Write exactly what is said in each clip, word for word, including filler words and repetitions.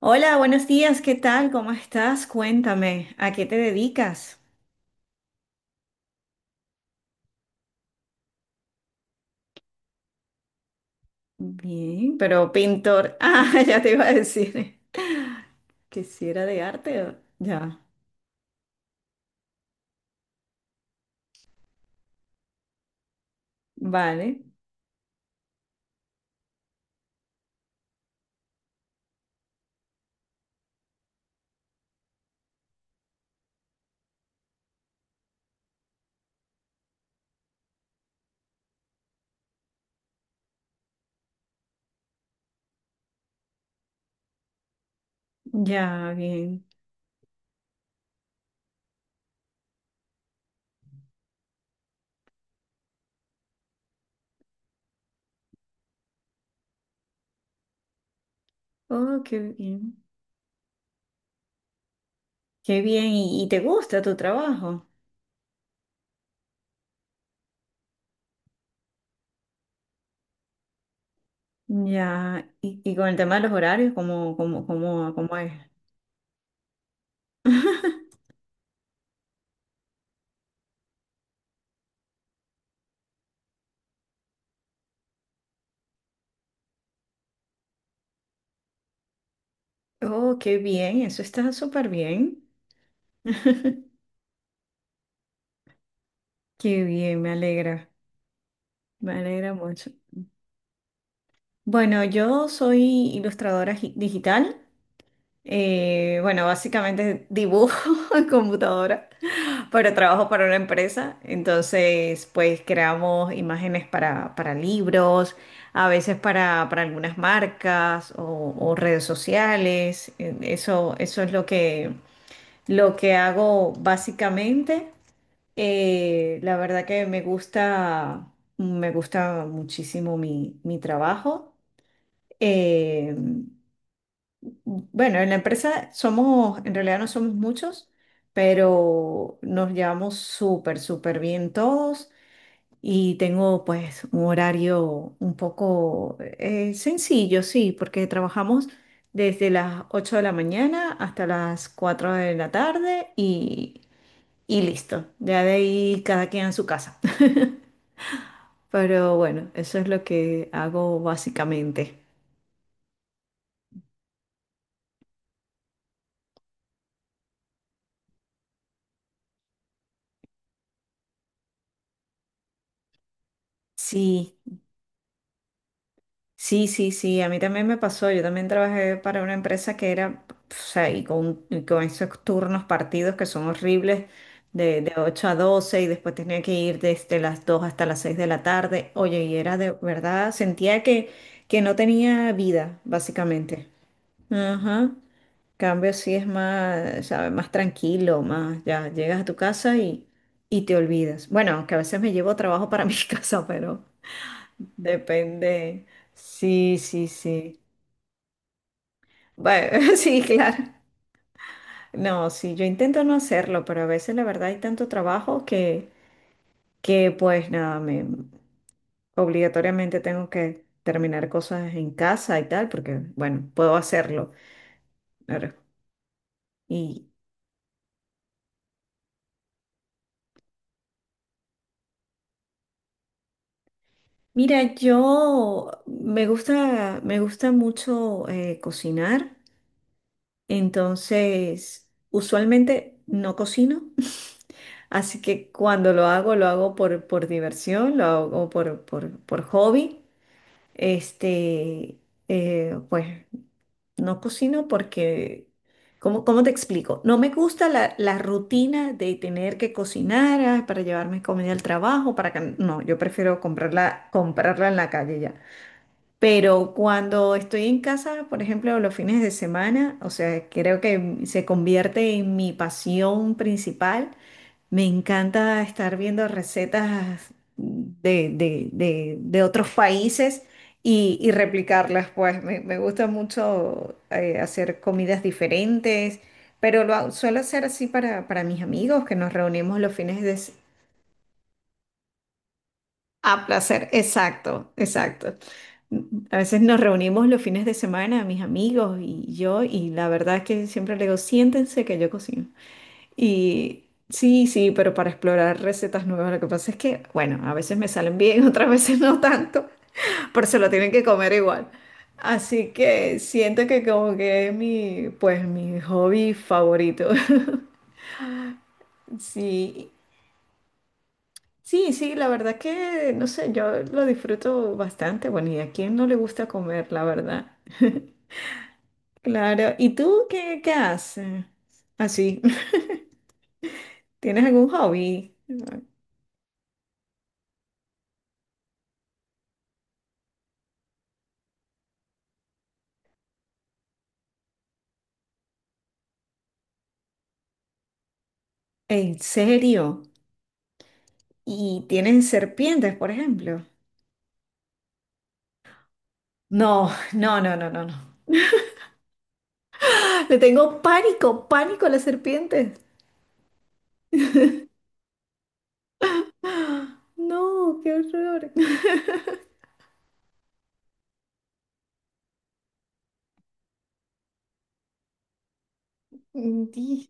Hola, buenos días, ¿qué tal? ¿Cómo estás? Cuéntame, ¿a qué te dedicas? Bien, pero pintor. Ah, ya te iba a decir que si era de arte o- ya, vale, ya, bien. Oh, qué bien. Qué bien, ¿y, y te gusta tu trabajo? Ya, y, y con el tema de los horarios, ¿cómo, cómo, cómo, cómo es? Oh, qué bien, eso está súper bien. Qué bien, me alegra, me alegra mucho. Bueno, yo soy ilustradora gi- digital. Eh, bueno, básicamente dibujo en computadora, pero trabajo para una empresa. Entonces, pues creamos imágenes para, para libros, a veces para, para algunas marcas o, o redes sociales. eh, Eso, eso es lo que, lo que hago básicamente. Eh, la verdad que me gusta, me gusta muchísimo mi, mi trabajo. Eh, Bueno, en la empresa somos, en realidad no somos muchos, pero nos llevamos súper, súper bien todos y tengo pues un horario un poco eh, sencillo, sí, porque trabajamos desde las ocho de la mañana hasta las cuatro de la tarde y, y listo, ya de ahí cada quien en su casa. Pero bueno, eso es lo que hago básicamente. Sí. Sí, sí, sí, a mí también me pasó. Yo también trabajé para una empresa que era, o sea, y con, y con esos turnos partidos que son horribles, de, de ocho a doce y después tenía que ir desde las dos hasta las seis de la tarde. Oye, y era de verdad, sentía que, que no tenía vida, básicamente. Ajá. En cambio sí es más, ¿sabes? Más tranquilo, más, ya llegas a tu casa y, y te olvidas. Bueno, que a veces me llevo trabajo para mi casa, pero... Depende. Sí, sí, sí. Bueno, sí, claro. No, sí, yo intento no hacerlo, pero a veces la verdad hay tanto trabajo que, que pues nada, me obligatoriamente tengo que terminar cosas en casa y tal, porque bueno, puedo hacerlo. Claro. Y mira, yo me gusta, me gusta, mucho eh, cocinar, entonces usualmente no cocino. Así que cuando lo hago, lo hago por, por diversión, lo hago por, por, por hobby. Este, eh, pues no cocino porque, ¿cómo, cómo te explico? No me gusta la, la rutina de tener que cocinar ah, para llevarme comida al trabajo, para que, no, yo prefiero comprarla, comprarla en la calle ya. Pero cuando estoy en casa, por ejemplo, los fines de semana, o sea, creo que se convierte en mi pasión principal. Me encanta estar viendo recetas de, de- de- de otros países y, y replicarlas, pues me, me gusta mucho eh, hacer comidas diferentes, pero lo hago- suelo hacer así para, para mis amigos que nos reunimos los fines de... s- A placer, exacto, exacto. A veces nos reunimos los fines de semana, mis amigos y yo, y la verdad es que siempre le digo, siéntense que yo cocino. Y sí, sí, pero para explorar recetas nuevas, lo que pasa es que, bueno, a veces me salen bien, otras veces no tanto, pero se lo tienen que comer igual. Así que siento que como que es mi, pues mi hobby favorito. Sí, sí, sí, la verdad que, no sé, yo lo disfruto bastante. Bueno, ¿y a quién no le gusta comer, la verdad? Claro. ¿Y tú qué, qué, haces? Así, ¿tienes algún hobby? ¿En serio? Y tienen serpientes, por ejemplo. No, no, no, no, no, no. Le tengo pánico, pánico a las serpientes. ¡Ah! No, qué horror. Di-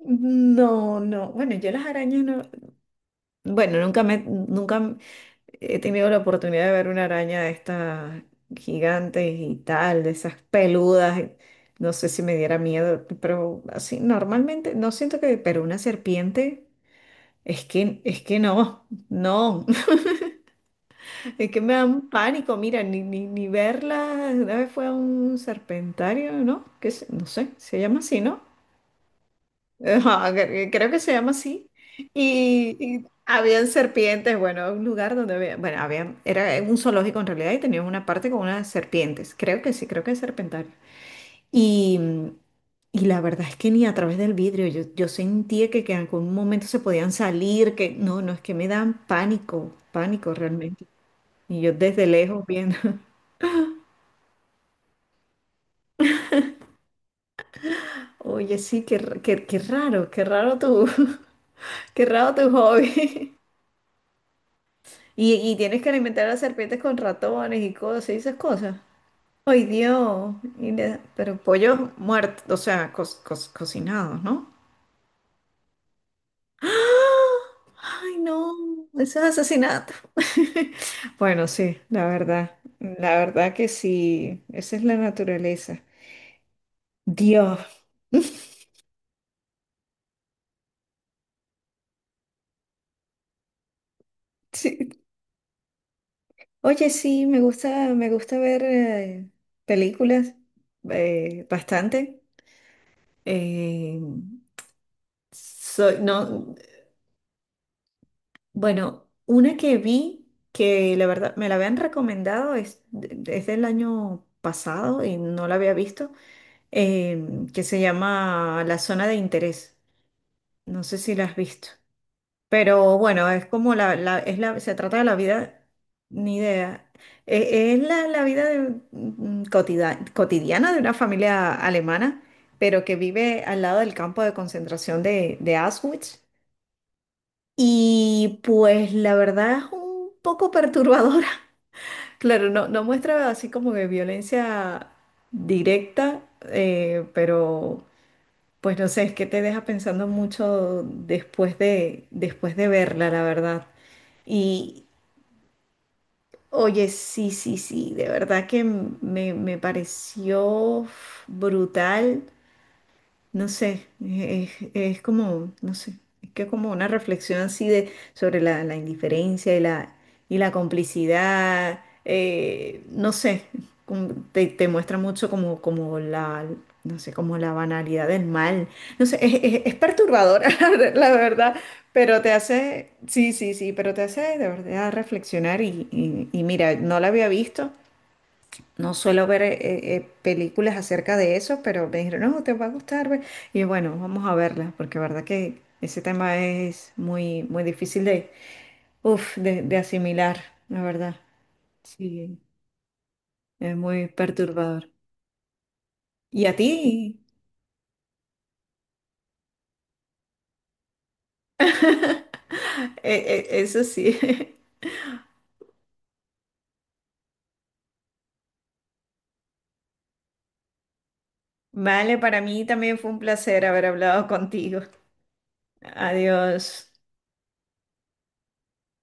No, no. Bueno, yo las arañas no. Bueno, nunca me, nunca he tenido la oportunidad de ver una araña de estas gigantes y tal, de esas peludas. eh, No sé si me diera miedo, pero así normalmente no siento que, pero una serpiente es que es que no, no. Es que me da un pánico, mira, ni, ni, ni verla. Una vez fue a un serpentario, ¿no? Que se- no sé, se llama así, ¿no? Ajá, cre- eh, creo que se llama así. Y, y habían serpientes, bueno, un lugar donde había, bueno, había, era un zoológico en realidad y tenían una parte con unas serpientes. Creo que sí, creo que es serpentario. Y, y la verdad es que ni a través del vidrio, yo, yo sentía que, que en algún momento se podían salir, que no, no, es que me dan pánico, pánico realmente. Y yo desde lejos viendo. Oye, sí, qué, r- qué, qué raro, qué raro tu, qué raro tu hobby. Y, y tienes que alimentar a las serpientes con ratones y cosas y esas cosas. Ay, Dios. Y le- pero pollos muertos, o sea, cos- cos- cocinados, ¿no? ¡Ah! Ay, no, eso es asesinato. Bueno, sí, la verdad, la verdad que sí, esa es la naturaleza. Dios. Sí, oye, sí, me gusta, me gusta ver eh, películas eh, bastante. Eh, Soy, no, bueno, una que vi que la verdad me la habían recomendado es, de- es del año pasado y no la había visto, eh, que se llama La Zona de Interés. No sé si la has visto. Pero bueno, es como la, la- es la, se trata de la vida, ni idea. E- Es, la, la vida de- mm, cotida- cotidiana de una familia alemana, pero que vive al lado del campo de concentración de, de Auschwitz. Y pues la verdad es un poco perturbadora. Claro, no, no muestra así como que violencia directa, eh, pero pues no sé, es que te deja pensando mucho después de, después de verla, la verdad. Y oye, sí, sí, sí, de verdad que m- me, me pareció brutal. No sé, es, es como, no sé, es que como una reflexión así de sobre la, la indiferencia y la, y la complicidad, eh, no sé, como te, te muestra mucho como, como la, no sé, como la banalidad del mal. No sé, es, es- es perturbadora, la ver- la verdad, pero te hace, sí, sí, sí, pero te hace de verdad reflexionar y, y y mira, no la había visto. No suelo ver eh, eh, películas acerca de eso, pero me dijeron, no, te va a gustar. Ve. Y bueno, vamos a verla, porque verdad que ese tema es muy, muy difícil de, uf, de, de asimilar, la verdad. Sí, es muy perturbador. ¿Y a ti? Eh, eh, eso sí. Vale, para mí también fue un placer haber hablado contigo. Adiós.